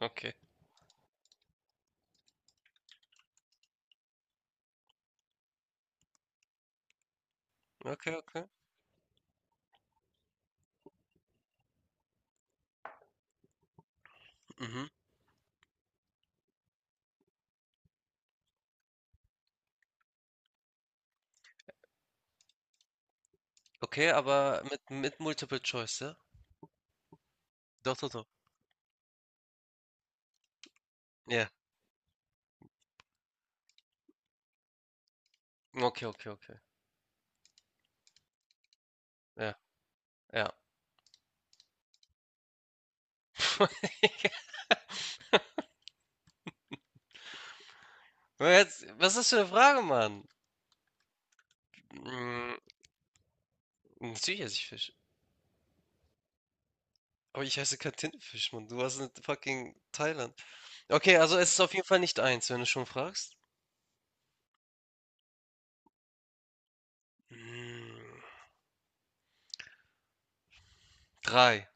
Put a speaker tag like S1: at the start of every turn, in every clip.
S1: Okay, okay, okay. Mhm. Okay, aber mit Multiple Choice, ja? Doch, doch, doch. Ja. Okay, okay, okay. Ja, ja. Aber jetzt, was ist das für eine Frage, Mann? Mm, Natürlich esse ich Fisch. Aber ich heiße kein Tintenfisch, Mann. Du warst in fucking Thailand. Okay, also es ist auf jeden Fall nicht eins, wenn du schon fragst. Mm, Drei.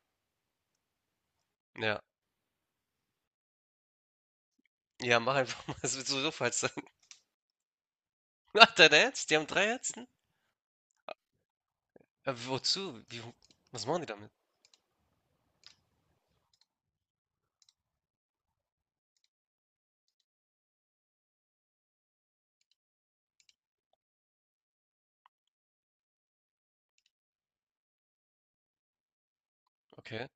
S1: Ja. Ja, mach einfach mal. Es wird sowieso falsch sein. Ach, dein Ernst? Die haben drei Herzen? Wozu? Wie, was machen die damit? Okay.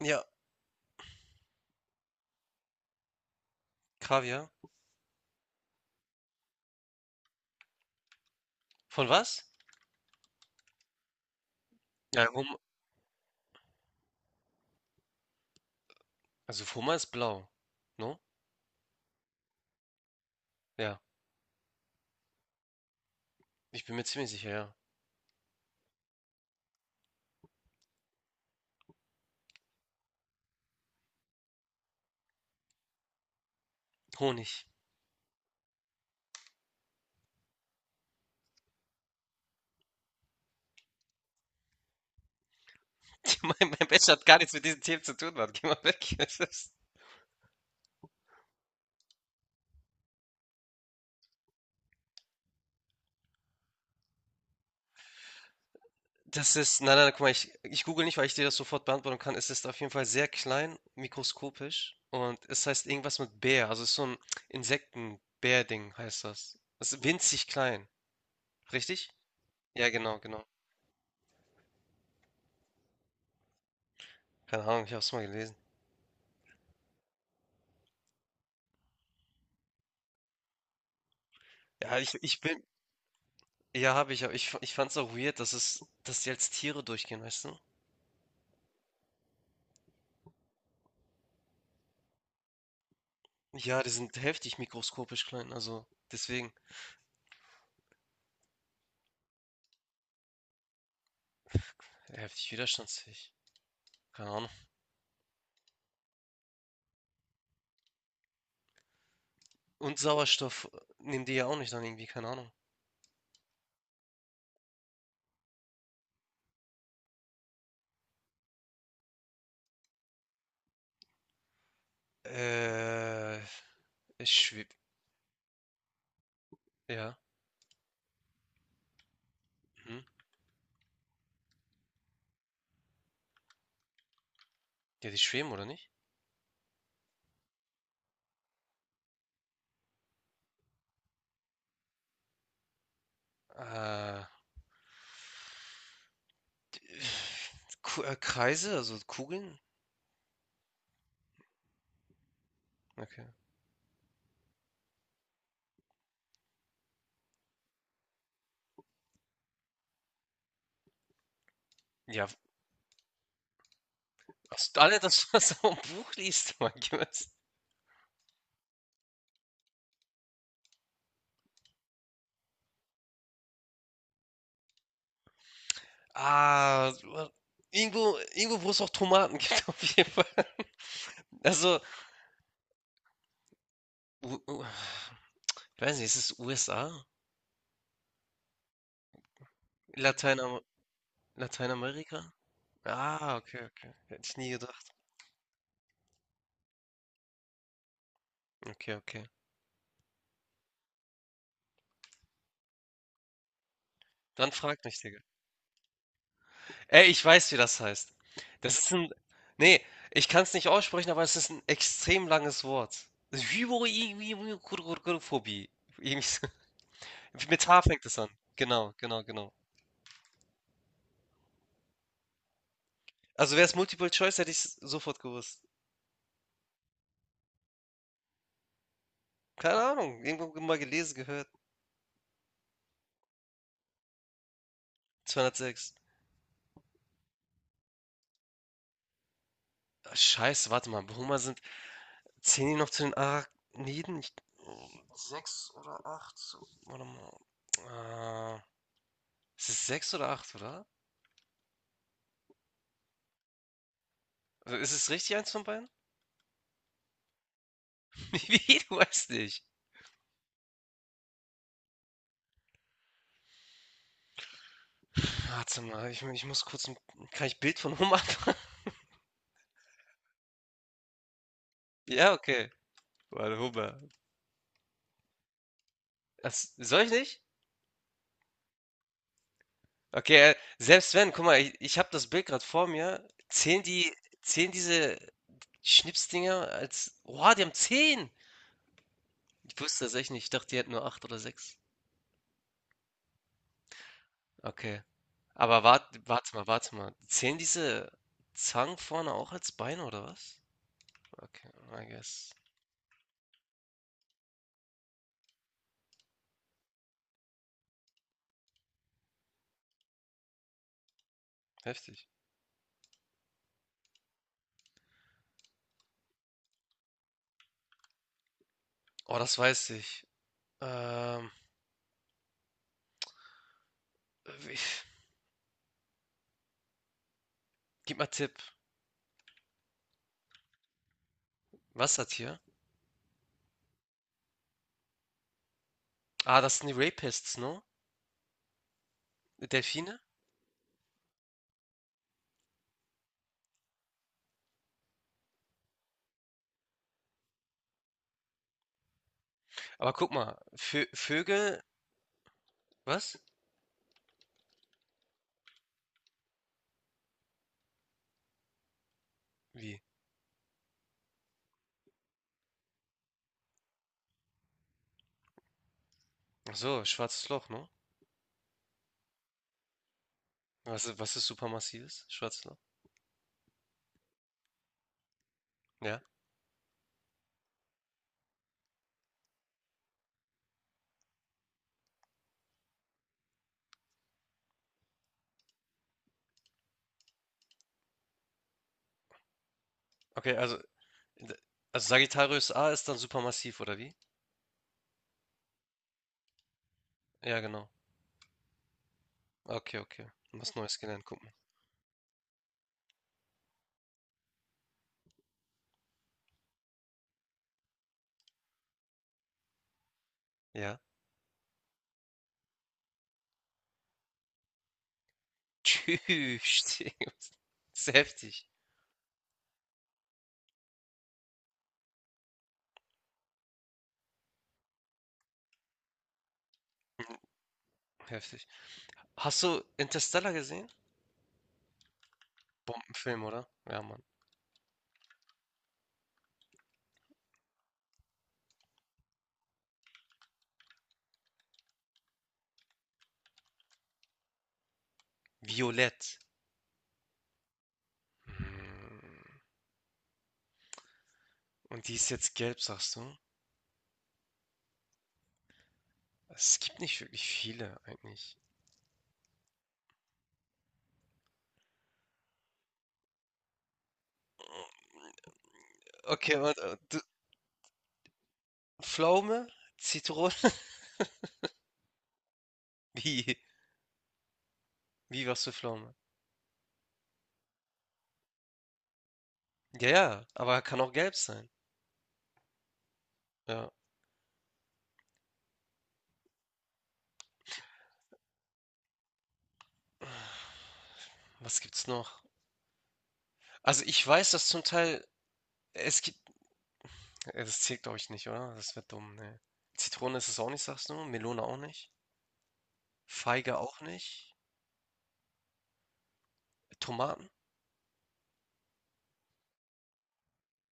S1: Ja, Kaviar. Von was? Ja, Hum also Hummer ist blau, no? Ja, ich bin mir ziemlich sicher, ja. Honig. Mein Bachelor hat gar nichts mit diesen Themen zu tun, Mann. Geh mal weg. Das ist nein, nein, guck mal, ich google nicht, weil ich dir das sofort beantworten kann. Es ist auf jeden Fall sehr klein, mikroskopisch und es heißt irgendwas mit Bär. Also, es ist so 'n Insektenbär-Ding heißt das. Es ist winzig klein, richtig? Ja, genau, genau. Keine Ahnung, ich habe es mal gelesen. Ja, ich ich bin ja, habe ich, aber ich fand's auch weird, dass es dass die als Tiere durchgehen, weißt du? Ja, die sind heftig mikroskopisch klein, also deswegen heftig widerstandsfähig. Keine Ahnung. Und Sauerstoff nehmen die ja auch nicht dann irgendwie, keine Ahnung. Äh, Es schwebt. Ja. Mhm. Ja, die schweben, oder nicht? Äh, Kreise, also Kugeln? Okay. Ja, hast du alle das, was du im Buch liest, mein Gott. Ah, wa- Irgendwo, irgendwo, wo es auch Tomaten gibt, auf jeden Fall. Also, U U ich weiß nicht, ist es USA? Lateinamer Lateinamerika? Ah, okay, okay. Hätte ich nie gedacht. Okay, okay. Dann frag mich, Digga. Ey, ich weiß, wie das heißt. Das ist ein. Nee, ich kann es nicht aussprechen, aber es ist ein extrem langes Wort. Hypochondrophobie. Irgendwie so. Mit H fängt es an. Genau, genau, genau. Also wäre es Multiple Choice, hätte ich es sofort gewusst. Keine Ahnung, irgendwo mal gelesen, gehört. 206. Ah, Scheiße, warte mal. Hummer sind Zählen die noch zu den Arachniden? Sechs oder acht? So, warte mal. Ist es sechs oder acht, oder? Also ist es richtig, eins von beiden? Wie, du weißt nicht. Warte mal, ich muss kurz ein. Kann ich Bild von Hummer machen? Ja, okay. Warte, Hummer. Das, soll ich nicht? Okay, selbst wenn, guck mal, ich habe das Bild gerade vor mir. Zählen diese Schnipsdinger als. Oha, die haben zehn! Ich wusste das echt nicht. Ich dachte, die hätten nur acht oder sechs. Okay. Aber warte, warte mal, warte mal. Zählen diese Zangen vorne auch als Beine oder was? Okay, I guess. Heftig. Oh, das weiß ich. Ähm, wie- Gib mal Tipp. Wassertier. Ah, das sind die Rapists, ne? Delfine? Aber guck mal, Vö Vögel, was? Wie? Ach so, schwarzes Loch, ne? Was ist supermassives? Schwarzes Loch? Ja. Okay, d- also Sagittarius A ist dann supermassiv, oder wie? Ja, genau. Okay, okay. Was Neues gelernt, guck mal. Ja. Tschüss. Das ist heftig, heftig. Hast du Interstellar gesehen? Bombenfilm, oder? Ja, Mann. Violett. Hm. Und die ist jetzt gelb, sagst du? Es gibt nicht wirklich viele eigentlich. Okay, und Pflaume, Zitrone, wie, wie was für Pflaume? Ja, ja, aber kann auch gelb sein. Ja, was gibt's noch? Also ich weiß, dass zum Teil, es gibt, das zählt glaube ich nicht, oder? Das wird dumm, ne. Zitrone ist es auch nicht, sagst du? Melone auch nicht? Feige auch nicht. Tomaten?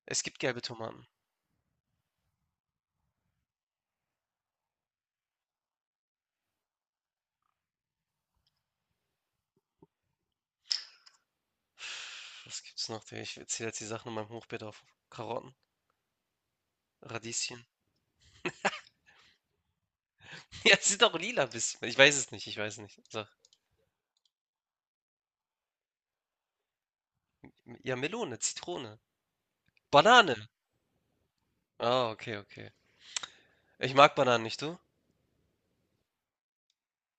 S1: Es gibt gelbe Tomaten. Was gibt's noch? Ich zähle jetzt die Sachen in meinem Hochbeet auf. Karotten, Radieschen. Ja, es sind auch lila bisschen. Ich weiß es nicht, ich weiß es nicht. Sag. Ja, Melone, Zitrone. Banane. Ah, okay, okay. Ich mag Bananen nicht, du?